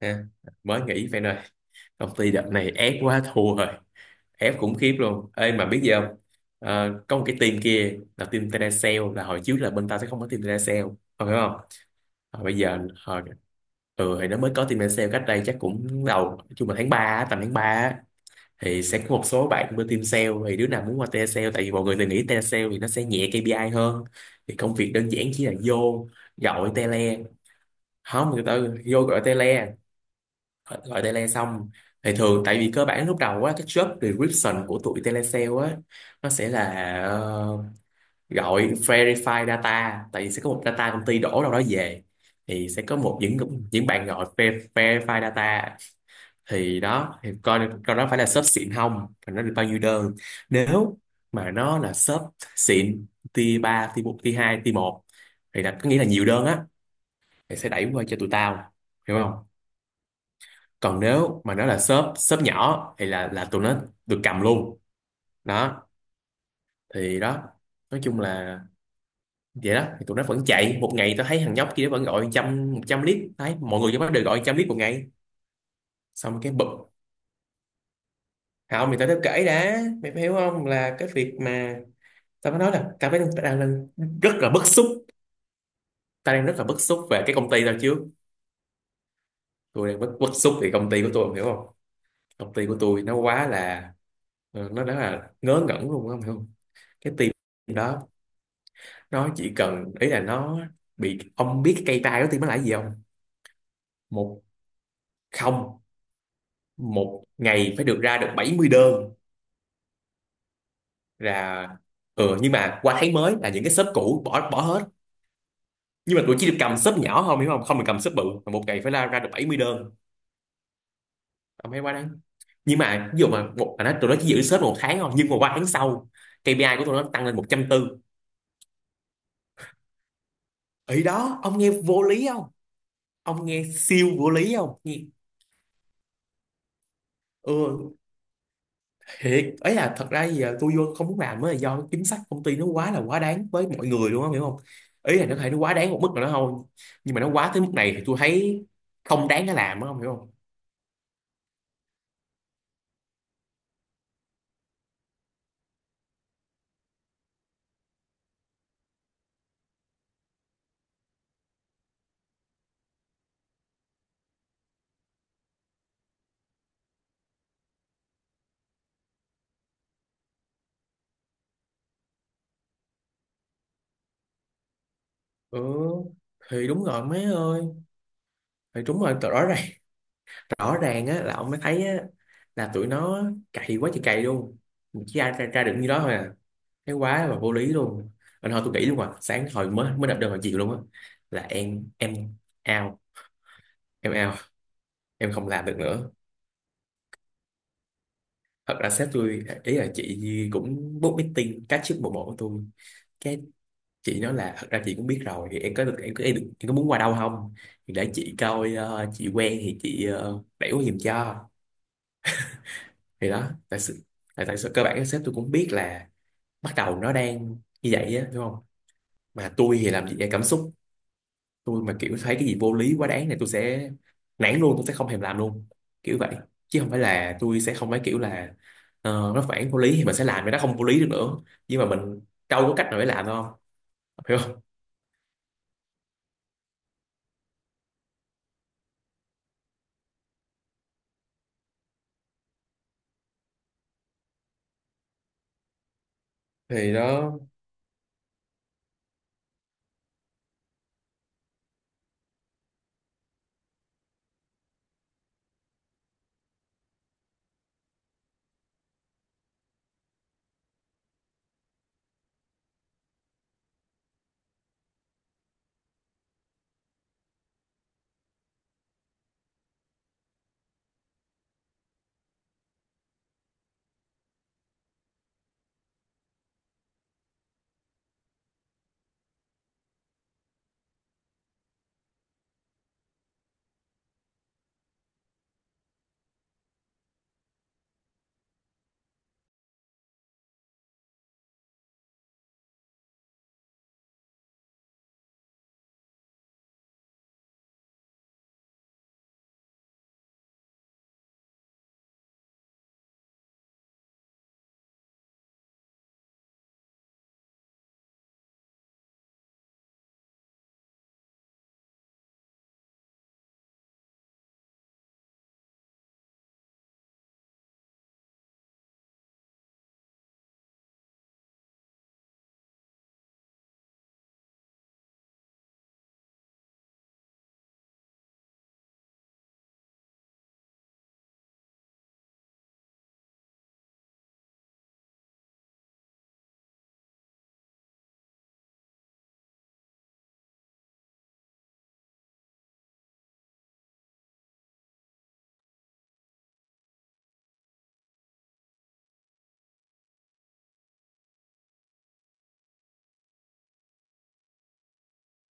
Ha, mới nghỉ Phan ơi. Công ty đợt này ép quá thua rồi, ép khủng khiếp luôn. Ê mà biết gì không? Có một cái team kia là team telesale, là hồi trước là bên tao sẽ không có team telesale, không hiểu không? Rồi bây giờ hồi thì nó mới có team telesale cách đây chắc cũng đầu, chung là tháng 3, tầm tháng 3 thì sẽ có một số bạn bên team sale, thì đứa nào muốn qua telesale tại vì mọi người thì nghĩ telesale thì nó sẽ nhẹ KPI hơn, thì công việc đơn giản chỉ là vô gọi tele. Không, người ta vô gọi tele, gọi gọi tele xong, thì thường tại vì cơ bản lúc đầu á, cái job description của tụi telesale á, nó sẽ là ờ, gọi verify data, tại vì sẽ có một data công ty đổ đâu đó về, thì sẽ có một những bạn gọi verify data, thì đó thì coi coi đó phải là shop xịn không và nó được bao nhiêu đơn. Nếu mà nó là shop xịn, tier ba, tier bốn, tier hai, tier một, thì là có nghĩa là nhiều đơn á, thì sẽ đẩy qua cho tụi tao, hiểu không? Còn nếu mà nó là shop shop nhỏ thì là tụi nó được cầm luôn đó. Thì đó, nói chung là vậy đó, thì tụi nó vẫn chạy một ngày, tao thấy thằng nhóc kia nó vẫn gọi trăm, một trăm lít, thấy mọi người trong đó đều gọi trăm lít một ngày. Xong cái bực. Không thì tao đã kể đã, mày phải hiểu không, là cái việc mà tao mới nói là tao mới đang, tao đang rất là bức xúc. Tao đang rất là bức xúc về cái công ty tao trước. Tôi đang bức xúc về công ty của tôi, mày hiểu không? Công ty của tôi nó quá là nó đã là ngớ ngẩn luôn, mày hiểu không? Cái team đó nó chỉ cần, ý là nó bị, ông biết cái cây tay đó thì nó là cái gì không? Một. Không, một ngày phải được ra được 70 đơn. Là ừ, nhưng mà qua tháng mới là những cái shop cũ bỏ bỏ hết, nhưng mà tụi chỉ được cầm shop nhỏ không, hiểu không, không được cầm shop bự, mà một ngày phải ra ra được 70 đơn. Ông thấy quá đáng. Nhưng mà ví dụ mà một mà nó, tụi nó chỉ giữ shop một tháng thôi nhưng mà qua tháng sau KPI của tụi nó tăng lên một trăm tư. Ý đó ông nghe vô lý không? Ông nghe siêu vô lý không, nghe? Ừ, thiệt ấy, là thật ra giờ tôi vô không muốn làm mới là do cái chính sách công ty nó quá là quá đáng với mọi người luôn á, hiểu không? Ý là nó có thể nó quá đáng một mức nào đó thôi, nhưng mà nó quá tới mức này thì tôi thấy không đáng để làm á, không hiểu không? Ừ thì đúng rồi mấy ơi, thì đúng rồi, rõ ràng, rõ ràng á, là ông mới thấy á, là tụi nó cày quá trời cày luôn. Mà chỉ ra được như đó thôi à, thấy quá là vô lý luôn. Anh thôi tôi nghĩ luôn à, sáng hồi mới mới đập đơn vào chiều luôn á, là em out, em out, em không làm được nữa. Thật ra sếp tôi, ý là chị Nhi cũng book meeting cá trước bộ bộ của tôi cái, chị nói là thật ra chị cũng biết rồi, thì em có được, em có, em, em có muốn qua đâu không, thì để chị coi, chị quen thì chị đẩy qua giùm cho. Thì đó tại sự, tại sự cơ bản sếp tôi cũng biết là bắt đầu nó đang như vậy á, đúng không? Mà tôi thì làm gì em cảm xúc, tôi mà kiểu thấy cái gì vô lý quá đáng này tôi sẽ nản luôn, tôi sẽ không thèm làm luôn, kiểu vậy. Chứ không phải là tôi sẽ không, phải kiểu là nó phản vô lý thì mình sẽ làm cái nó không vô lý được nữa, nhưng mà mình đâu có cách nào để làm đâu, hiểu không? Thì nó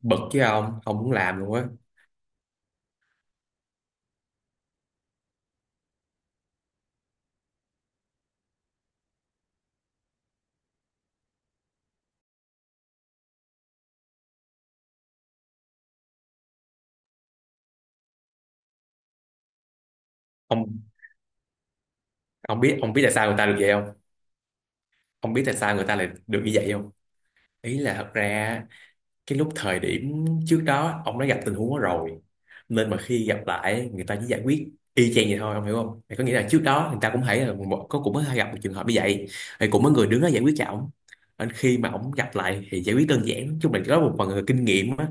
bực với ông không muốn làm luôn á. ông ông biết, ông biết tại sao người ta được vậy không? Ông biết tại sao người ta lại được như vậy không? Ý là thật ra cái lúc thời điểm trước đó ông đã gặp tình huống đó rồi, nên mà khi gặp lại người ta chỉ giải quyết y chang vậy thôi, ông hiểu không? Thì có nghĩa là trước đó người ta cũng thấy là có, cũng có gặp một trường hợp như vậy, thì cũng có người đứng đó giải quyết cho ổng, nên khi mà ổng gặp lại thì giải quyết đơn giản. Nói chung là có một phần là kinh nghiệm á.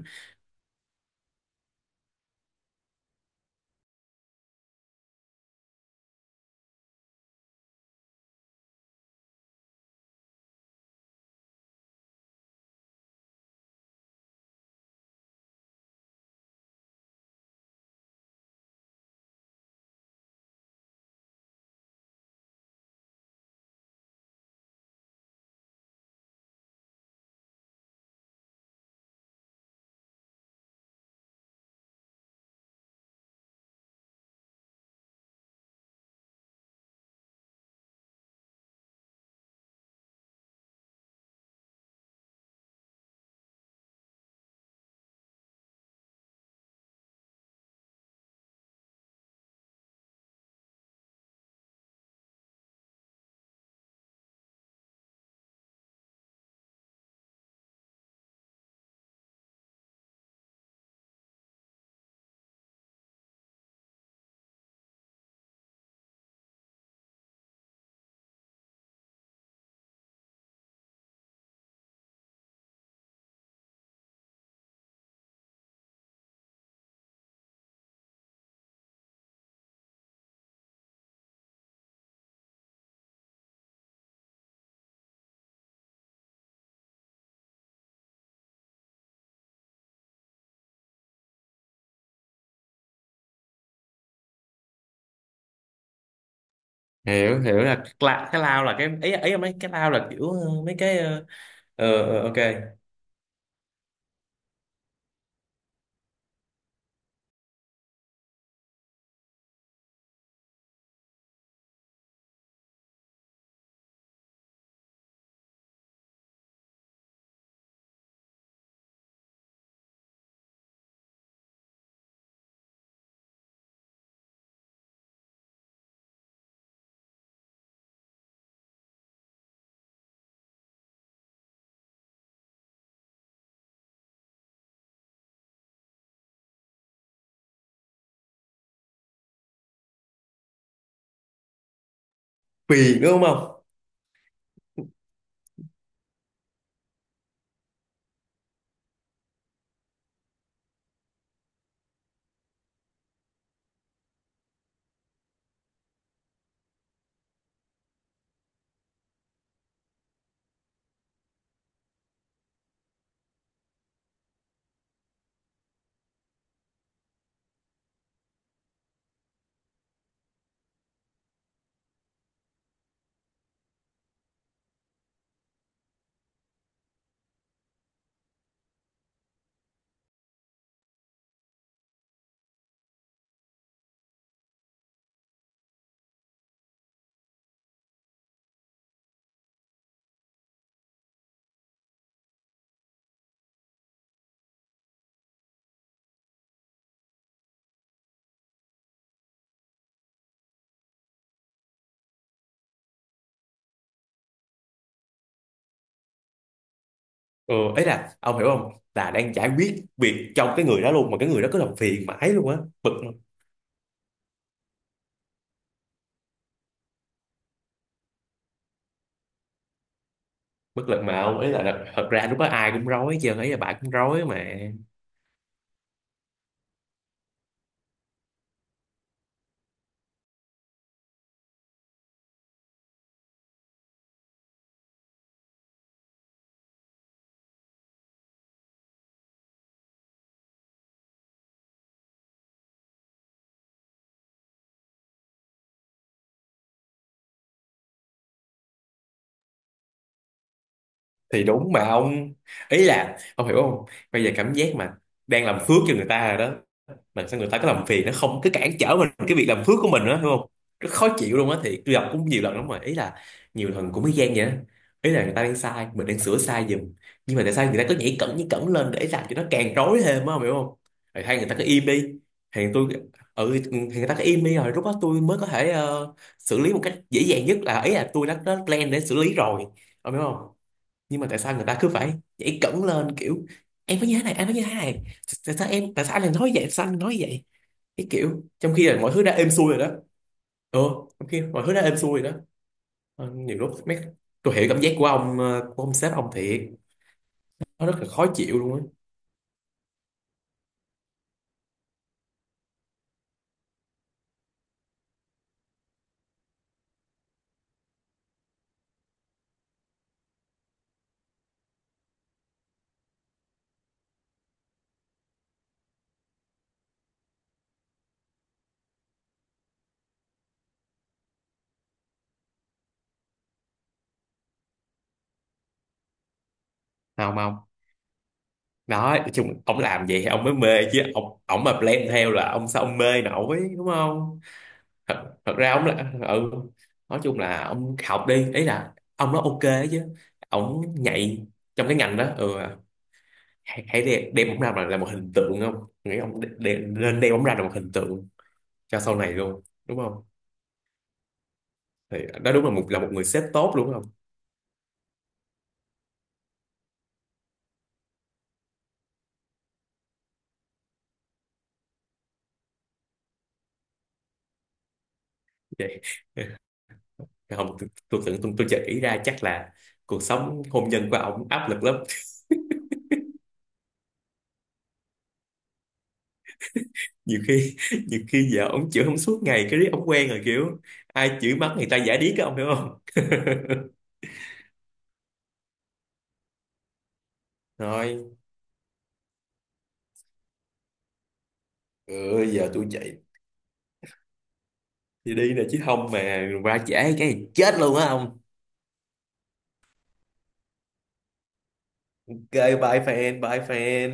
Hiểu, hiểu là cái lao, là cái ấy ấy, mấy cái lao là kiểu mấy ờ, ok, phiền đúng không. Ừ, ấy là ông hiểu không, là đang giải quyết việc trong cái người đó luôn mà cái người đó cứ làm phiền mãi luôn á, bực, bất lực mà ông, ý là thật ra lúc đó ai cũng rối chứ, ý là bà cũng rối mà. Thì đúng mà ông, ý là ông hiểu không, bây giờ cảm giác mà đang làm phước cho người ta rồi đó, mà sao người ta cứ làm phiền, nó không, cứ cản trở mình cái việc làm phước của mình đó, đúng không? Rất khó chịu luôn á. Thì tôi gặp cũng nhiều lần lắm rồi, ý là nhiều lần cũng mới gian vậy đó, ý là người ta đang sai, mình đang sửa sai giùm, nhưng mà tại sao người ta cứ nhảy cẩn, nhảy cẩn lên để làm cho nó càng rối thêm á, hiểu không? Rồi hay người ta cứ im đi, thì tôi, ừ thì người ta cứ im đi rồi lúc đó tôi mới có thể xử lý một cách dễ dàng nhất, là ý là tôi đã có plan để xử lý rồi, ông hiểu không? Nhưng mà tại sao người ta cứ phải nhảy cẫng lên kiểu em nói như thế này, anh nói như thế này, tại sao em, tại sao anh lại nói vậy, tại sao anh nói vậy, cái kiểu trong khi là mọi thứ đã êm xuôi rồi đó. Ừ, trong khi mọi thứ đã êm xuôi rồi đó. Ờ, nhiều lúc mấy, tôi hiểu cảm giác của ông, của ông sếp ông thiệt, nó rất là khó chịu luôn á. Không, không, đó nói chung ông làm vậy thì ông mới mê chứ, ông mà blame theo là ông sao ông mê nổi, đúng không? Thật ra ông là ừ, nói chung là ông học đi, ý là ông nói ok chứ, ông nhạy trong cái ngành đó, ừ. Hãy đem ông ra mà là một hình tượng, không, nghĩ ông nên đem ông ra là một hình tượng cho sau này luôn, đúng không? Thì đó đúng là một, là một người sếp tốt đúng không? Vậy. Không, tôi tưởng tôi chợt ý ra chắc là cuộc sống hôn nhân của ông áp lực lắm, nhiều khi nhiều khi vợ ông chửi ông suốt ngày, cái riết ông quen rồi kiểu ai chửi mắng người ta giả điếc á, ông hiểu không? Rồi ừ, giờ tôi chạy, thì đi nè chứ không mà va chạm cái chết luôn á ông. Ok, bye fan